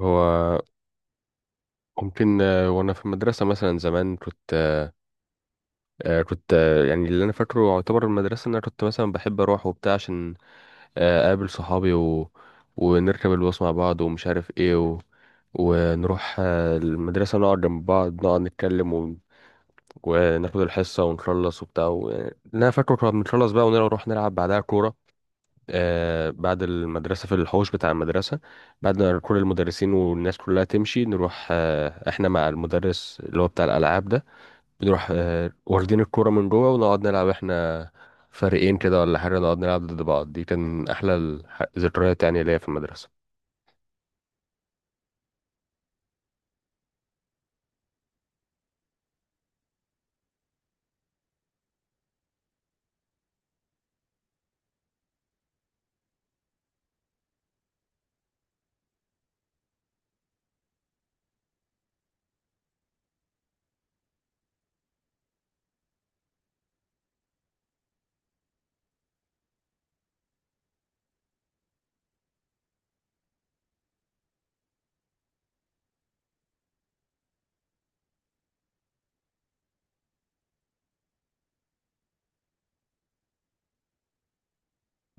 هو ممكن وانا في المدرسه مثلا زمان كنت آه، آه، كنت آه، يعني اللي انا فاكره يعتبر المدرسه ان انا كنت مثلا بحب اروح وبتاع عشان اقابل صحابي ونركب الباص مع بعض، ومش عارف ايه ونروح المدرسه، نقعد جنب بعض نقعد نتكلم وناخد الحصه ونخلص وبتاع يعني اللي انا فاكره كنا بنخلص بقى ونروح نلعب بعدها كوره، بعد المدرسة في الحوش بتاع المدرسة. بعد ما كل المدرسين والناس كلها تمشي نروح احنا مع المدرس اللي هو بتاع الألعاب ده، بنروح واخدين الكورة من جوه ونقعد نلعب احنا فريقين كده ولا حاجة، نقعد نلعب ضد بعض. دي كان أحلى الذكريات يعني ليا في المدرسة.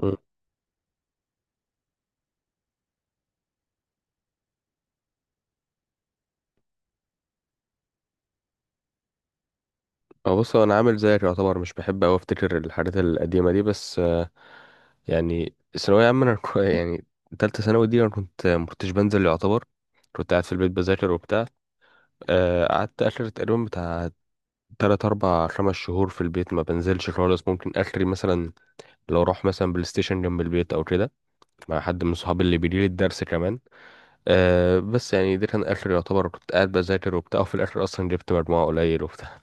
مم. أه، بص، هو أنا عامل زيك يعتبر، مش بحب أوي أفتكر الحاجات القديمة دي، بس يعني الثانوية عامة أنا يعني تالتة ثانوي دي أنا كنت، مكنتش بنزل يعتبر، كنت قاعد في البيت بذاكر وبتاع. قعدت اخر تقريبا بتاع تلات اربع خمس شهور في البيت ما بنزلش خالص، ممكن اخري مثلا لو اروح مثلا بلاي ستيشن جنب البيت او كده مع حد من صحابي اللي بيجي لي الدرس كمان. أه بس يعني ده كان اخر يعتبر، كنت قاعد بذاكر وبتاع، وفي الاخر اصلا جبت مجموعة قليل وبتاع.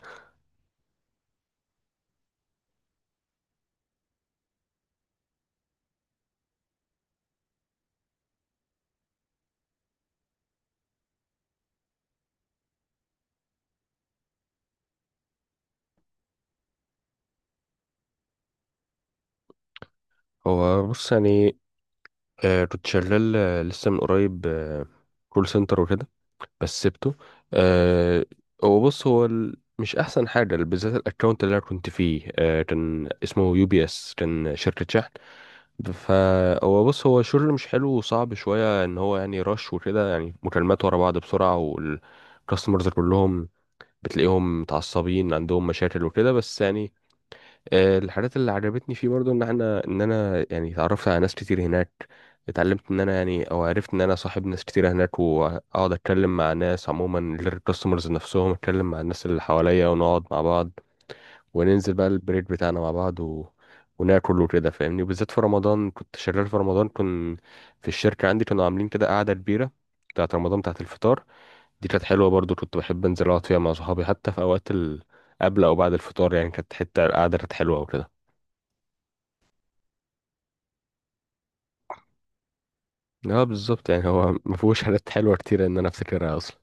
هو بص، يعني أه كنت شغال لسه من قريب كول سنتر وكده، بس سبته. أه، هو بص، هو مش احسن حاجه، بالذات الاكونت اللي انا كنت فيه أه كان اسمه يو بي اس، كان شركه شحن. فهو بص، هو شغل مش حلو وصعب شوية، ان هو يعني رش وكده، يعني مكالمات ورا بعض بسرعة، والكاستمرز كلهم بتلاقيهم متعصبين عندهم مشاكل وكده، بس يعني الحاجات اللي عجبتني فيه برضو ان احنا ان انا يعني اتعرفت على ناس كتير هناك، اتعلمت ان انا يعني، او عرفت ان انا صاحب ناس كتير هناك، واقعد اتكلم مع ناس عموما غير الكاستمرز نفسهم، اتكلم مع الناس اللي حواليا ونقعد مع بعض، وننزل بقى البريك بتاعنا مع بعض وناكل وكده فاهمني. وبالذات في رمضان كنت شغال، في رمضان كنت في الشركة عندي كانوا عاملين كده قعدة كبيرة بتاعت رمضان، بتاعت الفطار، دي كانت حلوة برضو. كنت بحب انزل اقعد فيها مع صحابي حتى في اوقات قبل او بعد الفطار، يعني كانت حتة القعدة كانت حلوة وكده. اه بالظبط، يعني هو ما فيهوش حاجات حلوة كتير ان انا افتكرها اصلا.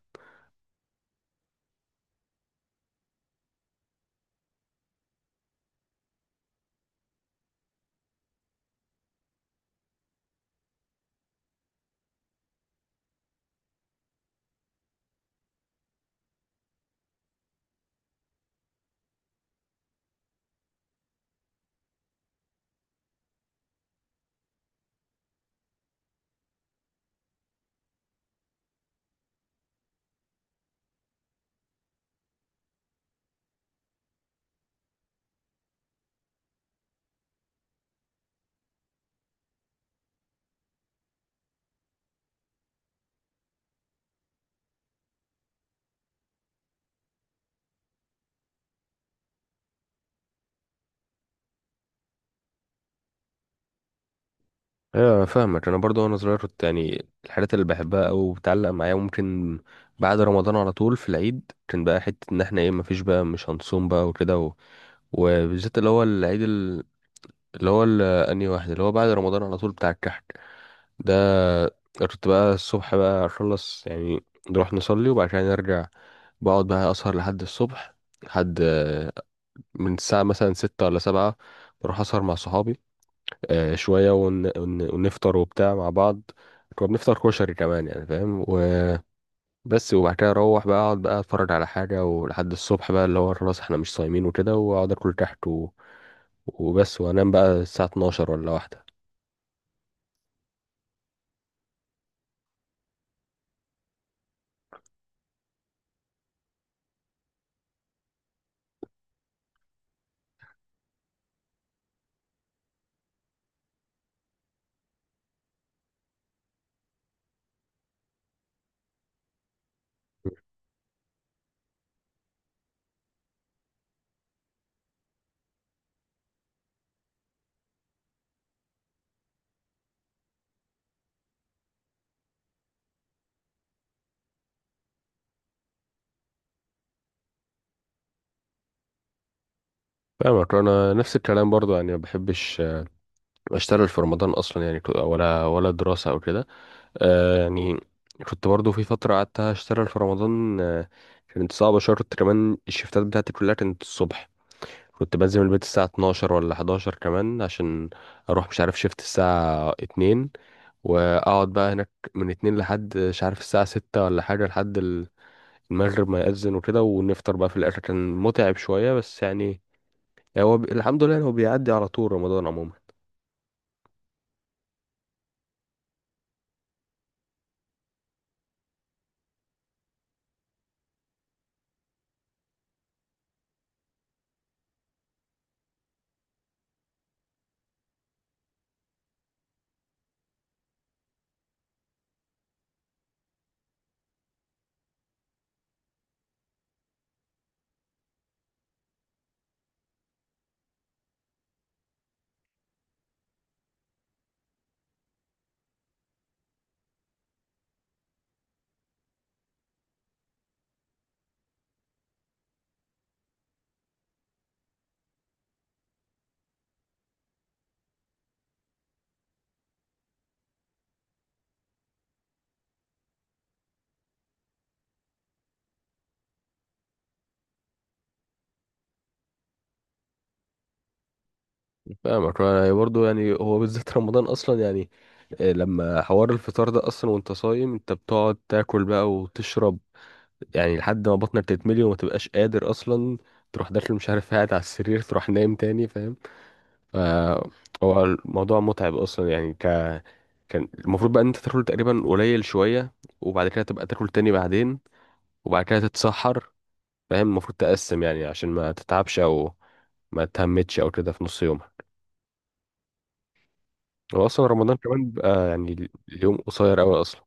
ايوه انا فاهمك، انا برضو وانا صغير كنت يعني الحاجات اللي بحبها او بتعلق معايا وممكن بعد رمضان على طول في العيد كان بقى حتة ان احنا ايه، مفيش بقى، مش هنصوم بقى وكده، وبالذات اللي هو العيد انهي واحد اللي هو بعد رمضان على طول، بتاع الكحك ده. كنت بقى الصبح بقى اخلص يعني، نروح نصلي وبعد كده نرجع، بقعد بقى اسهر لحد الصبح، لحد من الساعة مثلا ستة ولا سبعة. بروح اسهر مع صحابي شوية ونفطر وبتاع مع بعض، كنا بنفطر كشري كمان يعني فاهم. وبس. وبعد كده اروح بقى اقعد بقى اتفرج على حاجة ولحد الصبح بقى، اللي هو خلاص احنا مش صايمين وكده، واقعد اكل كحك وبس، وانام بقى الساعه 12 ولا واحده. فاهمك، انا نفس الكلام برضو يعني ما بحبش اشتغل في رمضان اصلا، يعني ولا دراسه او كده. آه يعني كنت برضو في فتره قعدت اشتغل في رمضان، كانت صعبه شرط، كمان الشفتات بتاعتي كلها كانت الصبح. كنت بنزل من البيت الساعه 12 ولا 11 كمان عشان اروح مش عارف شفت الساعه 2، واقعد بقى هناك من 2 لحد مش عارف الساعه 6 ولا حاجه، لحد المغرب ما يأذن وكده، ونفطر بقى في الآخر. كان متعب شوية، بس يعني هو الحمد لله إن هو بيعدي على طول، رمضان عموما. فاهمك يعني برضه، يعني هو بالذات رمضان أصلا، يعني لما حوار الفطار ده أصلا، وأنت صايم أنت بتقعد تاكل بقى وتشرب يعني لحد ما بطنك تتملي وما تبقاش قادر أصلا، تروح داخل مش عارف قاعد على السرير، تروح نايم تاني فاهم. ف، هو الموضوع متعب أصلا يعني كان المفروض بقى إن أنت تاكل تقريبا قليل شوية، وبعد كده تبقى تاكل تاني بعدين، وبعد كده تتسحر. فاهم، المفروض تقسم يعني عشان ما تتعبش او ما تهمتش او كده في نص يومها. هو اصلا رمضان كمان بيبقى يعني اليوم قصير قوي اصلا.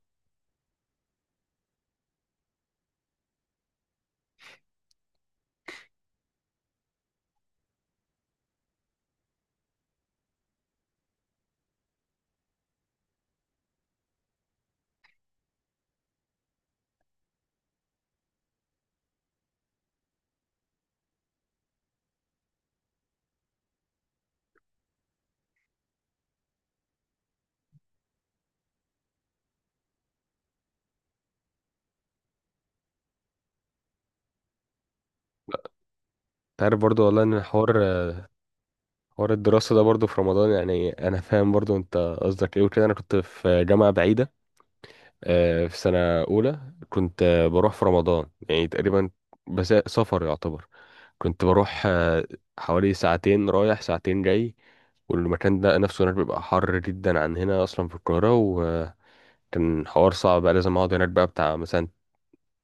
انت عارف برضو والله ان حوار الدراسة ده برضو في رمضان، يعني انا فاهم برضو انت قصدك ايه وكده. انا كنت في جامعة بعيدة، في سنة اولى. كنت بروح في رمضان يعني تقريبا، بس سفر يعتبر. كنت بروح حوالي ساعتين رايح ساعتين جاي، والمكان ده نفسه هناك بيبقى حر جدا عن هنا اصلا في القاهرة. كان حوار صعب، بقى لازم اقعد هناك بقى بتاع مثلا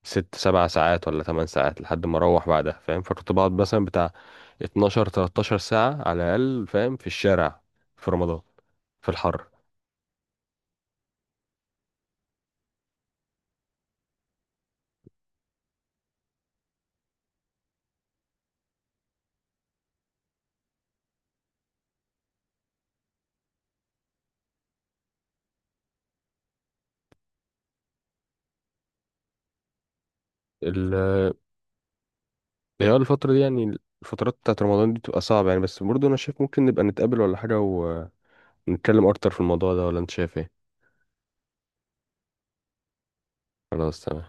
ست سبع ساعات ولا تمن ساعات لحد ما اروح بعدها فاهم. فكنت بقعد مثلا بتاع 12 13 ساعة على الأقل فاهم، في الشارع، في رمضان، في الحر. ال- اللي هي الفترة دي يعني الفترات بتاعت رمضان دي بتبقى صعبة يعني، بس برضه أنا شايف ممكن نبقى نتقابل ولا حاجة ونتكلم أكتر في الموضوع ده، ولا أنت شايف إيه؟ خلاص تمام.